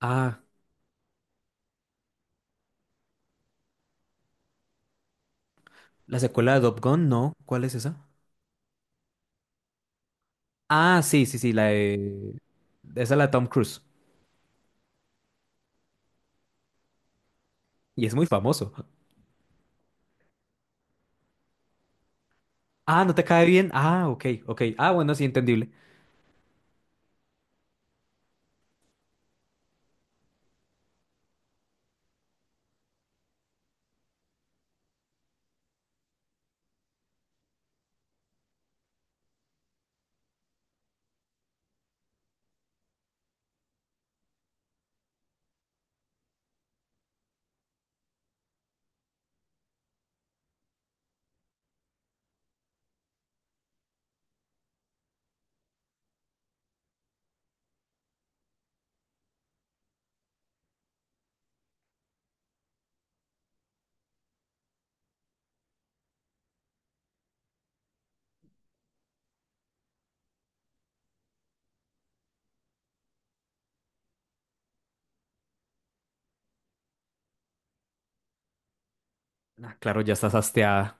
Ah, la secuela de Top Gun, no. ¿Cuál es esa? Ah, sí, sí, sí, la de... Esa es la de Tom Cruise. Y es muy famoso. Ah, ¿no te cae bien? Ah, ok, ok. Ah, bueno, sí, entendible. Ah, claro, ya estás hasteada.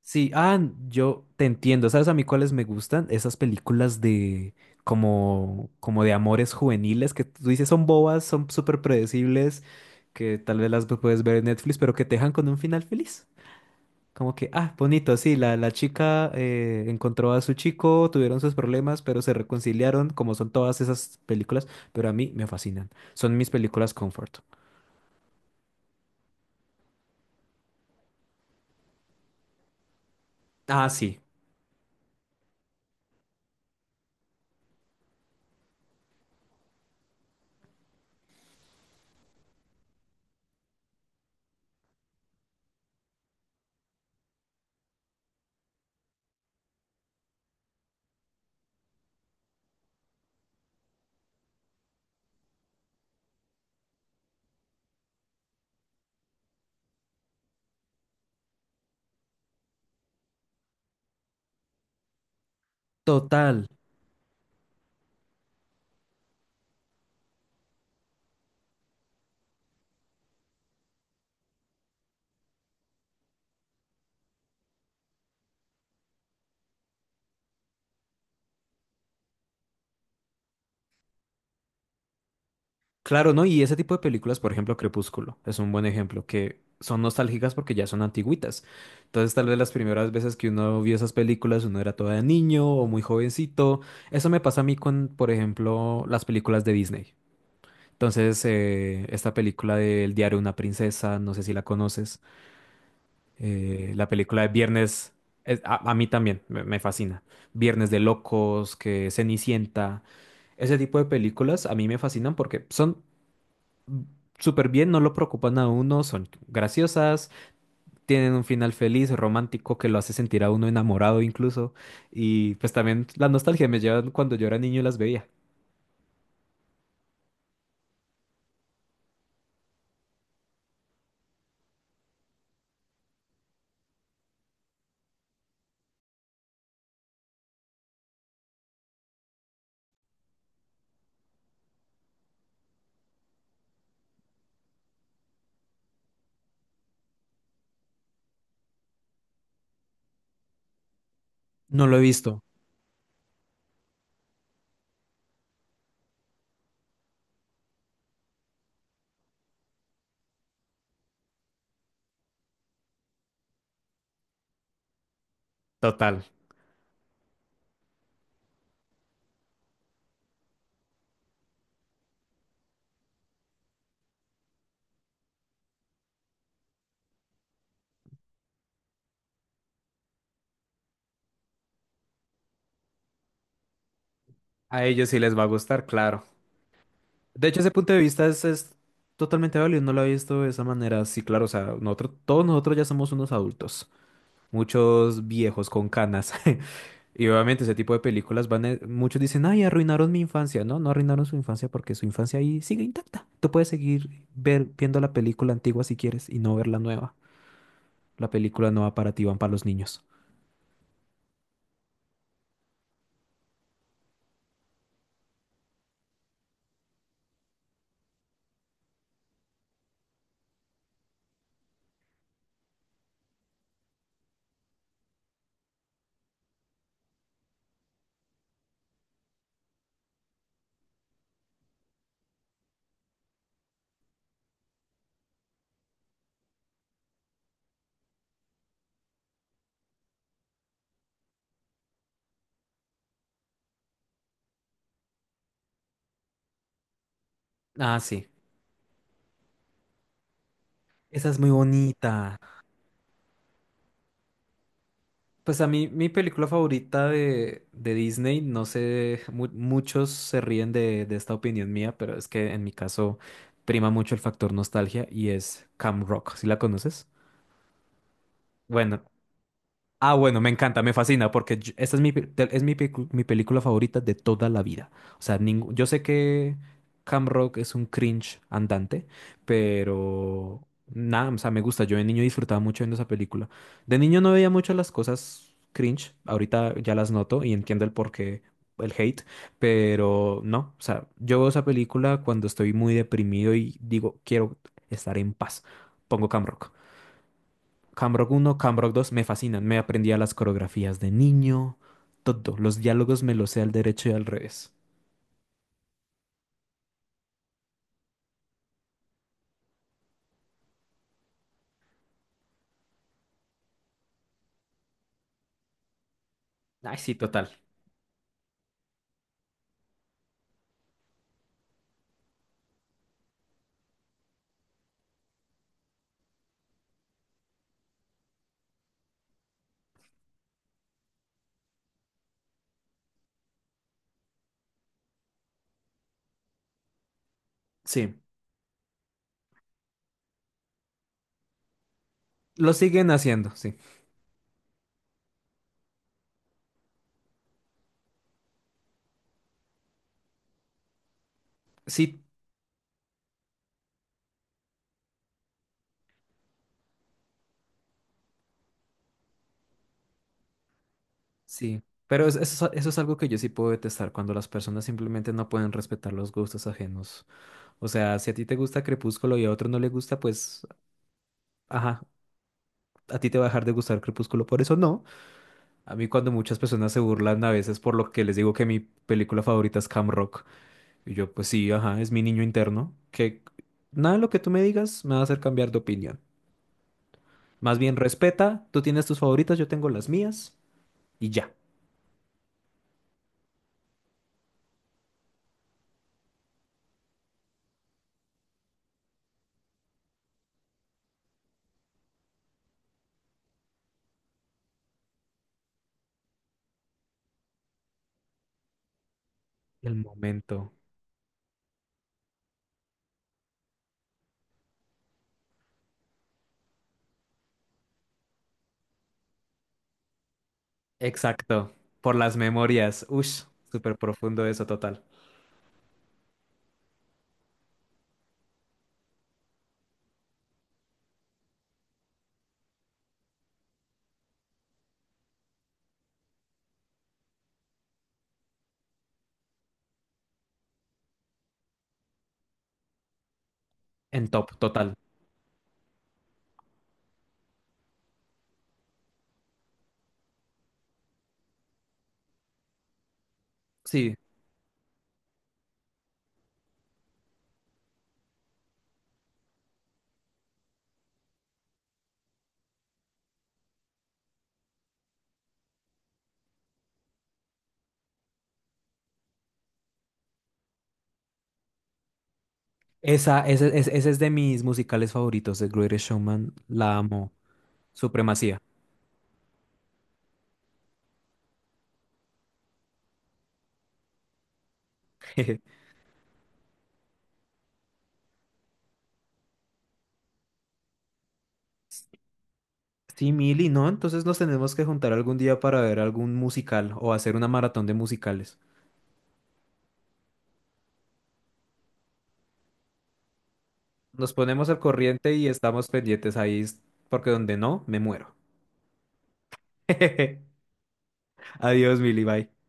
Sí, ah, yo te entiendo. ¿Sabes a mí cuáles me gustan? Esas películas de... como... como de amores juveniles que tú dices son bobas, son súper predecibles, que tal vez las puedes ver en Netflix, pero que te dejan con un final feliz. Como que, ah, bonito, sí, la chica encontró a su chico, tuvieron sus problemas, pero se reconciliaron, como son todas esas películas, pero a mí me fascinan. Son mis películas comfort. Ah, sí, total. Claro, ¿no? Y ese tipo de películas, por ejemplo, Crepúsculo, es un buen ejemplo, que son nostálgicas porque ya son antigüitas. Entonces, tal vez las primeras veces que uno vio esas películas, uno era todavía niño o muy jovencito. Eso me pasa a mí con, por ejemplo, las películas de Disney. Entonces, esta película de El diario de una princesa, no sé si la conoces, la película de Viernes, a mí también me fascina. Viernes de Locos, que Cenicienta, ese tipo de películas a mí me fascinan porque son súper bien, no lo preocupan a uno, son graciosas, tienen un final feliz, romántico, que lo hace sentir a uno enamorado incluso. Y pues también la nostalgia me lleva cuando yo era niño y las veía. No lo he visto. Total. A ellos sí les va a gustar, claro. De hecho, ese punto de vista es totalmente válido, no lo había visto de esa manera. Sí, claro, o sea, nosotros, todos nosotros ya somos unos adultos, muchos viejos con canas. Y obviamente ese tipo de películas muchos dicen, ay, arruinaron mi infancia. No, no arruinaron su infancia porque su infancia ahí sigue intacta. Tú puedes viendo la película antigua si quieres y no ver la nueva. La película nueva para ti van para los niños. Ah, sí. Esa es muy bonita. Pues a mí, mi película favorita de Disney, no sé, muchos se ríen de esta opinión mía, pero es que en mi caso prima mucho el factor nostalgia y es Cam Rock. ¿Sí la conoces? Bueno, ah, bueno, me encanta, me fascina, porque esta es es mi película favorita de toda la vida. O sea, yo sé que Cam Rock es un cringe andante, pero nada, o sea, me gusta. Yo de niño disfrutaba mucho viendo esa película. De niño no veía mucho las cosas cringe, ahorita ya las noto y entiendo el porqué, el hate, pero no, o sea, yo veo esa película cuando estoy muy deprimido y digo, quiero estar en paz. Pongo Cam Rock. Camrock uno, Camrock dos, me fascinan. Me aprendía las coreografías de niño, todo. Los diálogos me los sé al derecho y al revés. Ay, sí, total. Sí. Lo siguen haciendo, sí. Sí, sí. Pero es- eso, es eso es algo que yo sí puedo detestar, cuando las personas simplemente no pueden respetar los gustos ajenos. O sea, si a ti te gusta Crepúsculo y a otro no le gusta, pues, ajá, a ti te va a dejar de gustar Crepúsculo, por eso no. A mí cuando muchas personas se burlan a veces por lo que les digo que mi película favorita es Cam Rock. Y yo, pues sí, ajá, es mi niño interno, que nada de lo que tú me digas me va a hacer cambiar de opinión. Más bien respeta, tú tienes tus favoritas, yo tengo las mías y ya. El momento. Exacto. Por las memorias. Ush, súper profundo eso, total. En top, total. Sí. Esa, ese es de mis musicales favoritos, The Greatest Showman, la amo. Supremacía. Sí, Mili, ¿no? Entonces nos tenemos que juntar algún día para ver algún musical o hacer una maratón de musicales. Nos ponemos al corriente y estamos pendientes ahí, porque donde no, me muero. Adiós, Mili, bye.